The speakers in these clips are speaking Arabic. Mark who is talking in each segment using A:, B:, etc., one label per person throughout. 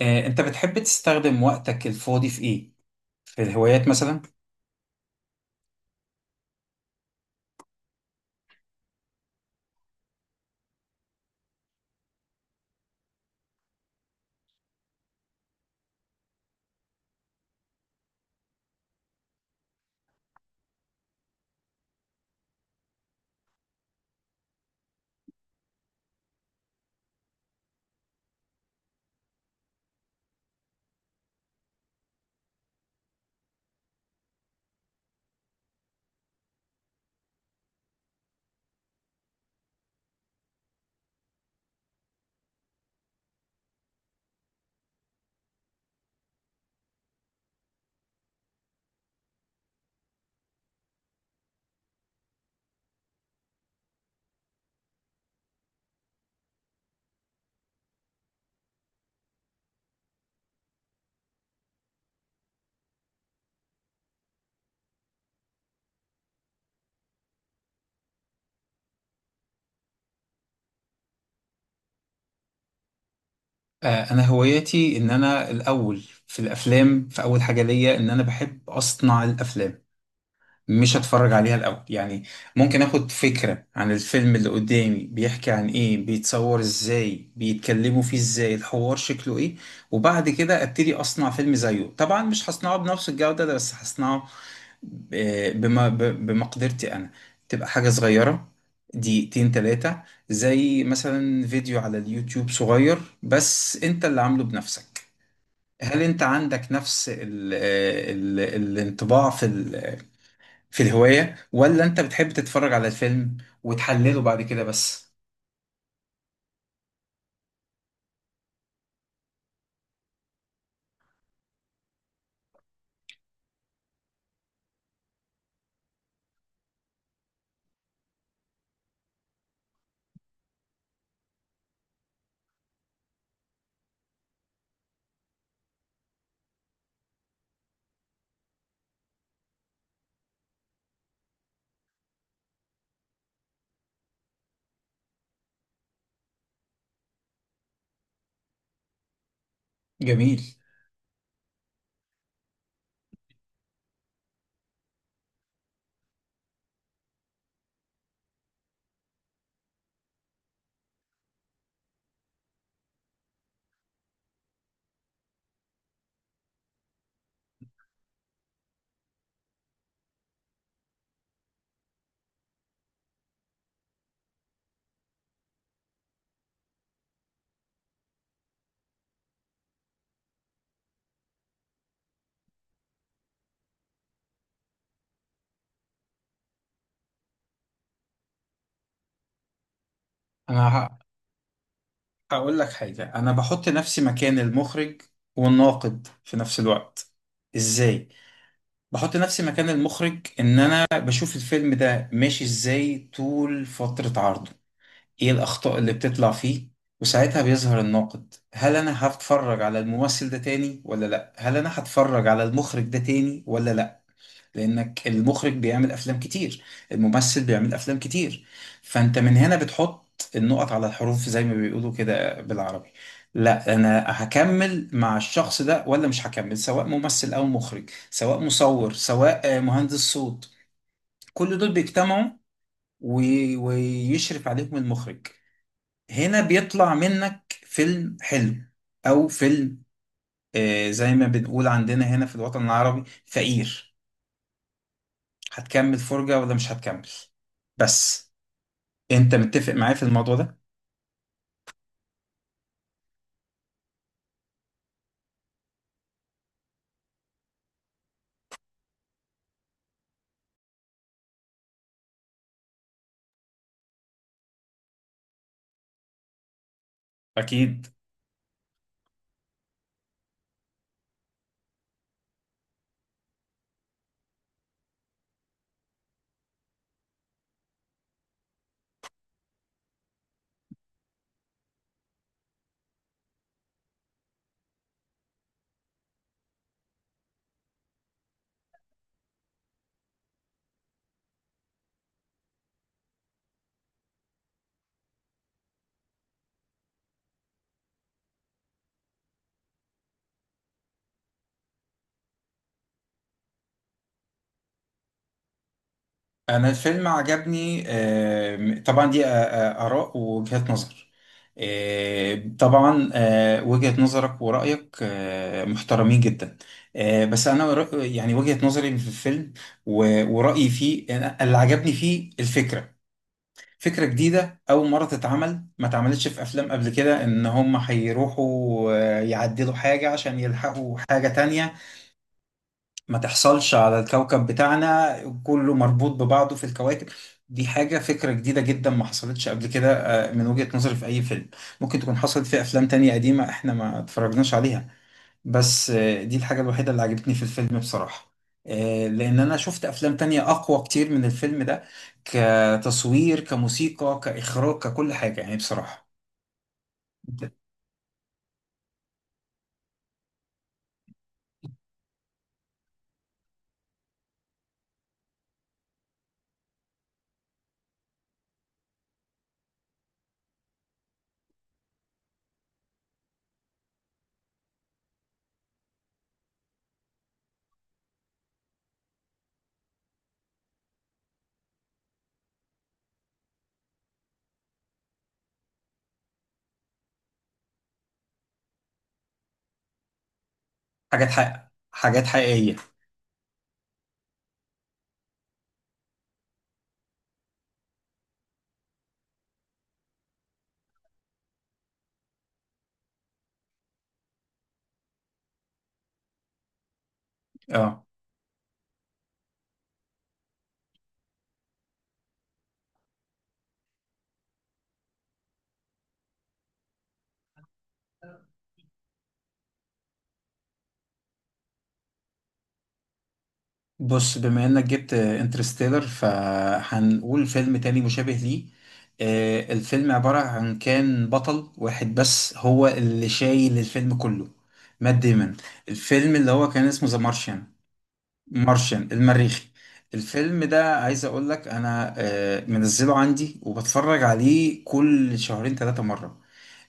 A: انت بتحب تستخدم وقتك الفاضي في ايه؟ في الهوايات مثلا؟ انا هوايتي ان انا الاول في الافلام. في اول حاجه ليا ان انا بحب اصنع الافلام، مش اتفرج عليها الاول يعني. ممكن اخد فكره عن الفيلم اللي قدامي، بيحكي عن ايه، بيتصور ازاي، بيتكلموا فيه ازاي، الحوار شكله ايه، وبعد كده ابتدي اصنع فيلم زيه. طبعا مش هصنعه بنفس الجوده ده، بس هصنعه بما بمقدرتي انا. تبقى حاجة صغيرة، دقيقتين تلاتة، زي مثلا فيديو على اليوتيوب صغير بس انت اللي عامله بنفسك. هل انت عندك نفس ال الانطباع في الهواية، ولا انت بتحب تتفرج على الفيلم وتحلله بعد كده بس؟ جميل. انا هقول لك حاجة، انا بحط نفسي مكان المخرج والناقد في نفس الوقت. ازاي؟ بحط نفسي مكان المخرج ان انا بشوف الفيلم ده ماشي ازاي طول فترة عرضه، ايه الاخطاء اللي بتطلع فيه، وساعتها بيظهر الناقد: هل انا هتفرج على الممثل ده تاني ولا لا؟ هل انا هتفرج على المخرج ده تاني ولا لا؟ لانك المخرج بيعمل افلام كتير، الممثل بيعمل افلام كتير، فانت من هنا بتحط النقط على الحروف زي ما بيقولوا كده بالعربي. لا انا هكمل مع الشخص ده، ولا مش هكمل، سواء ممثل او مخرج، سواء مصور، سواء مهندس صوت. كل دول بيجتمعوا ويشرف عليهم المخرج. هنا بيطلع منك فيلم حلو، او فيلم زي ما بنقول عندنا هنا في الوطن العربي، فقير. هتكمل فرجة ولا مش هتكمل؟ بس انت متفق معايا في الموضوع ده؟ اكيد. انا الفيلم عجبني. طبعا دي اراء ووجهات نظر. طبعا، وجهة نظرك ورأيك محترمين جدا. بس انا يعني وجهة نظري في الفيلم ورأيي فيه، اللي عجبني فيه الفكرة. فكرة جديدة، أول مرة تتعمل، ما اتعملتش في أفلام قبل كده، إن هم هيروحوا يعدلوا حاجة عشان يلحقوا حاجة تانية ما تحصلش على الكوكب بتاعنا. كله مربوط ببعضه في الكواكب. دي حاجة، فكرة جديدة جدا ما حصلتش قبل كده، من وجهة نظري في أي فيلم. ممكن تكون حصلت في أفلام تانية قديمة إحنا ما اتفرجناش عليها. بس دي الحاجة الوحيدة اللي عجبتني في الفيلم بصراحة. لأن أنا شفت أفلام تانية أقوى كتير من الفيلم ده، كتصوير، كموسيقى، كإخراج، ككل حاجة يعني بصراحة. حاجات حقيقية. اه. بص، بما إنك جبت انترستيلر فهنقول فيلم تاني مشابه ليه. الفيلم عبارة عن كان بطل واحد بس هو اللي شايل الفيلم كله، مات ديمون. الفيلم اللي هو كان اسمه ذا مارشيان، مارشن المريخي. الفيلم ده عايز اقول لك انا منزله عندي، وبتفرج عليه كل شهرين ثلاثة مرة.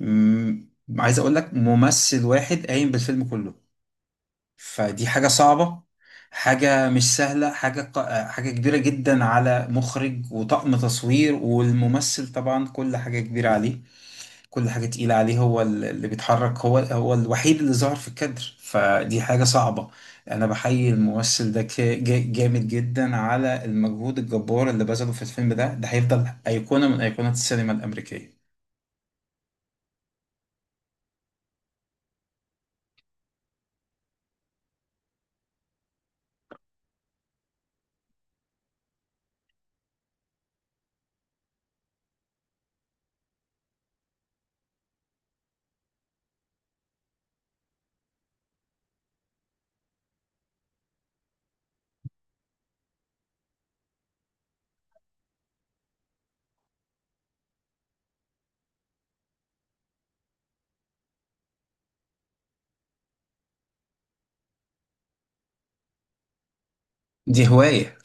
A: مم. عايز اقول لك ممثل واحد قايم بالفيلم كله، فدي حاجة صعبة، حاجة مش سهلة، حاجة حاجة كبيرة جدا على مخرج وطاقم تصوير والممثل. طبعا كل حاجة كبيرة عليه، كل حاجة تقيلة عليه، هو اللي بيتحرك، هو الوحيد اللي ظهر في الكادر، فدي حاجة صعبة. أنا بحيي الممثل ده، جامد جدا على المجهود الجبار اللي بذله في الفيلم ده هيفضل أيقونة من أيقونات السينما الأمريكية. دي هواية.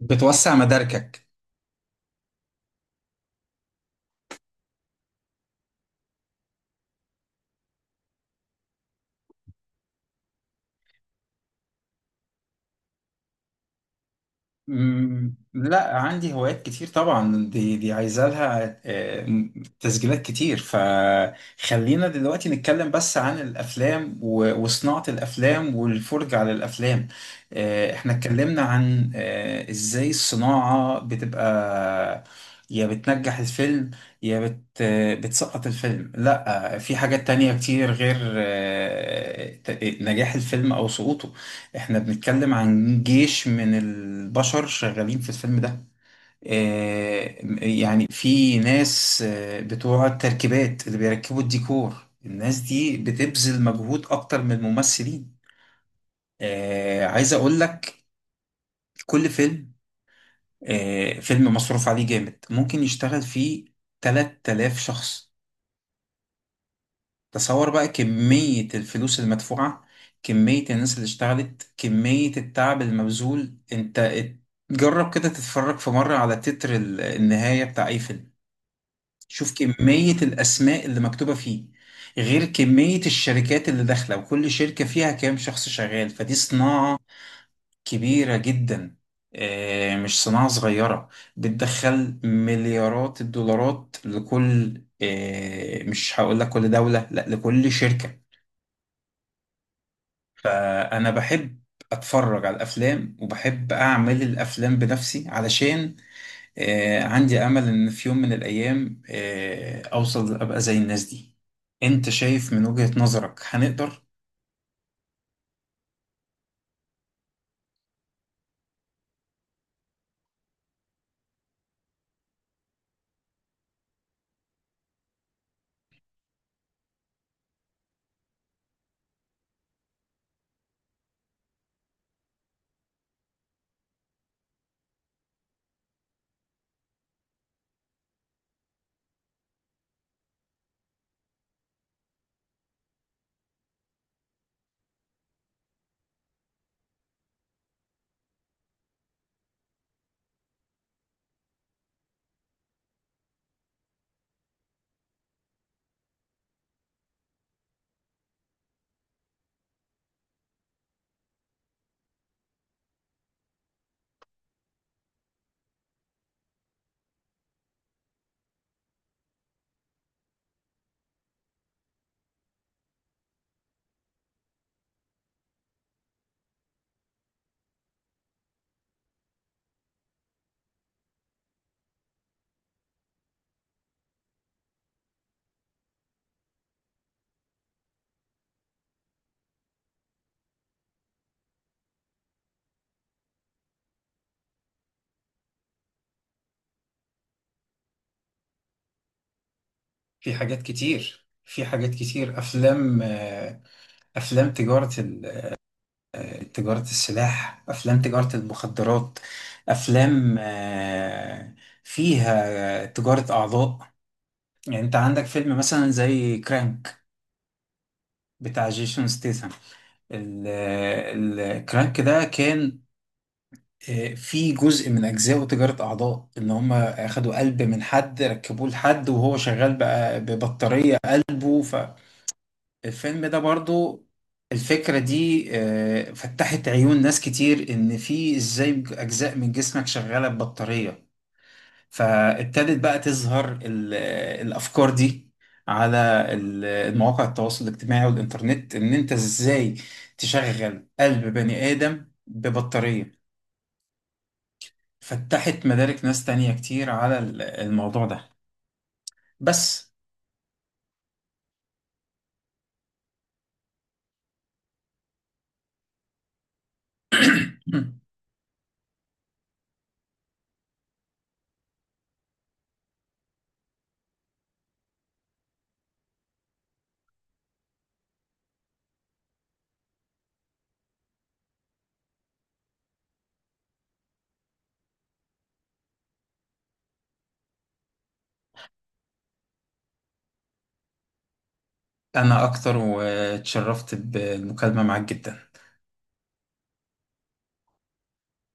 A: بتوسع مداركك. مم. لا، عندي هوايات كتير طبعا، دي عايزه لها تسجيلات كتير. فخلينا دلوقتي نتكلم بس عن الافلام وصناعه الافلام والفرجه على الافلام. احنا اتكلمنا عن ازاي الصناعه بتبقى يا بتنجح الفيلم، يا بت آه، بتسقط الفيلم. لا، في حاجات تانية كتير غير نجاح الفيلم او سقوطه. احنا بنتكلم عن جيش من البشر شغالين في الفيلم ده. آه، يعني في ناس بتوع التركيبات اللي بيركبوا الديكور، الناس دي بتبذل مجهود اكتر من الممثلين. عايز اقول لك، كل فيلم، فيلم مصروف عليه جامد، ممكن يشتغل فيه 3000 شخص. تصور بقى كمية الفلوس المدفوعة، كمية الناس اللي اشتغلت، كمية التعب المبذول. جرب كده تتفرج في مرة على تتر النهاية بتاع اي فيلم، شوف كمية الاسماء اللي مكتوبة فيه، غير كمية الشركات اللي داخلة، وكل شركة فيها كام شخص شغال. فدي صناعة كبيرة جدا، اه، مش صناعة صغيرة. بتدخل مليارات الدولارات لكل مش هقول لك كل دولة، لا، لكل شركة. انا بحب اتفرج على الافلام وبحب اعمل الافلام بنفسي، علشان عندي امل ان في يوم من الايام اوصل ابقى زي الناس دي. انت شايف من وجهة نظرك هنقدر؟ في حاجات كتير افلام افلام تجارة تجارة السلاح، افلام تجارة المخدرات، افلام فيها تجارة اعضاء. يعني انت عندك فيلم مثلا زي كرانك بتاع جيسون ستيثم. الكرانك ده كان فيه جزء من أجزاء تجارة أعضاء، إن هم أخدوا قلب من حد ركبوه لحد وهو شغال بقى ببطارية قلبه. فالفيلم ده برضو الفكرة دي فتحت عيون ناس كتير إن في إزاي أجزاء من جسمك شغالة ببطارية. فابتدت بقى تظهر الافكار دي على المواقع التواصل الاجتماعي والانترنت، ان انت ازاي تشغل قلب بني ادم ببطارية. فتحت مدارك ناس تانية كتير على الموضوع ده بس. انا اكتر، واتشرفت بالمكالمة معاك جدا.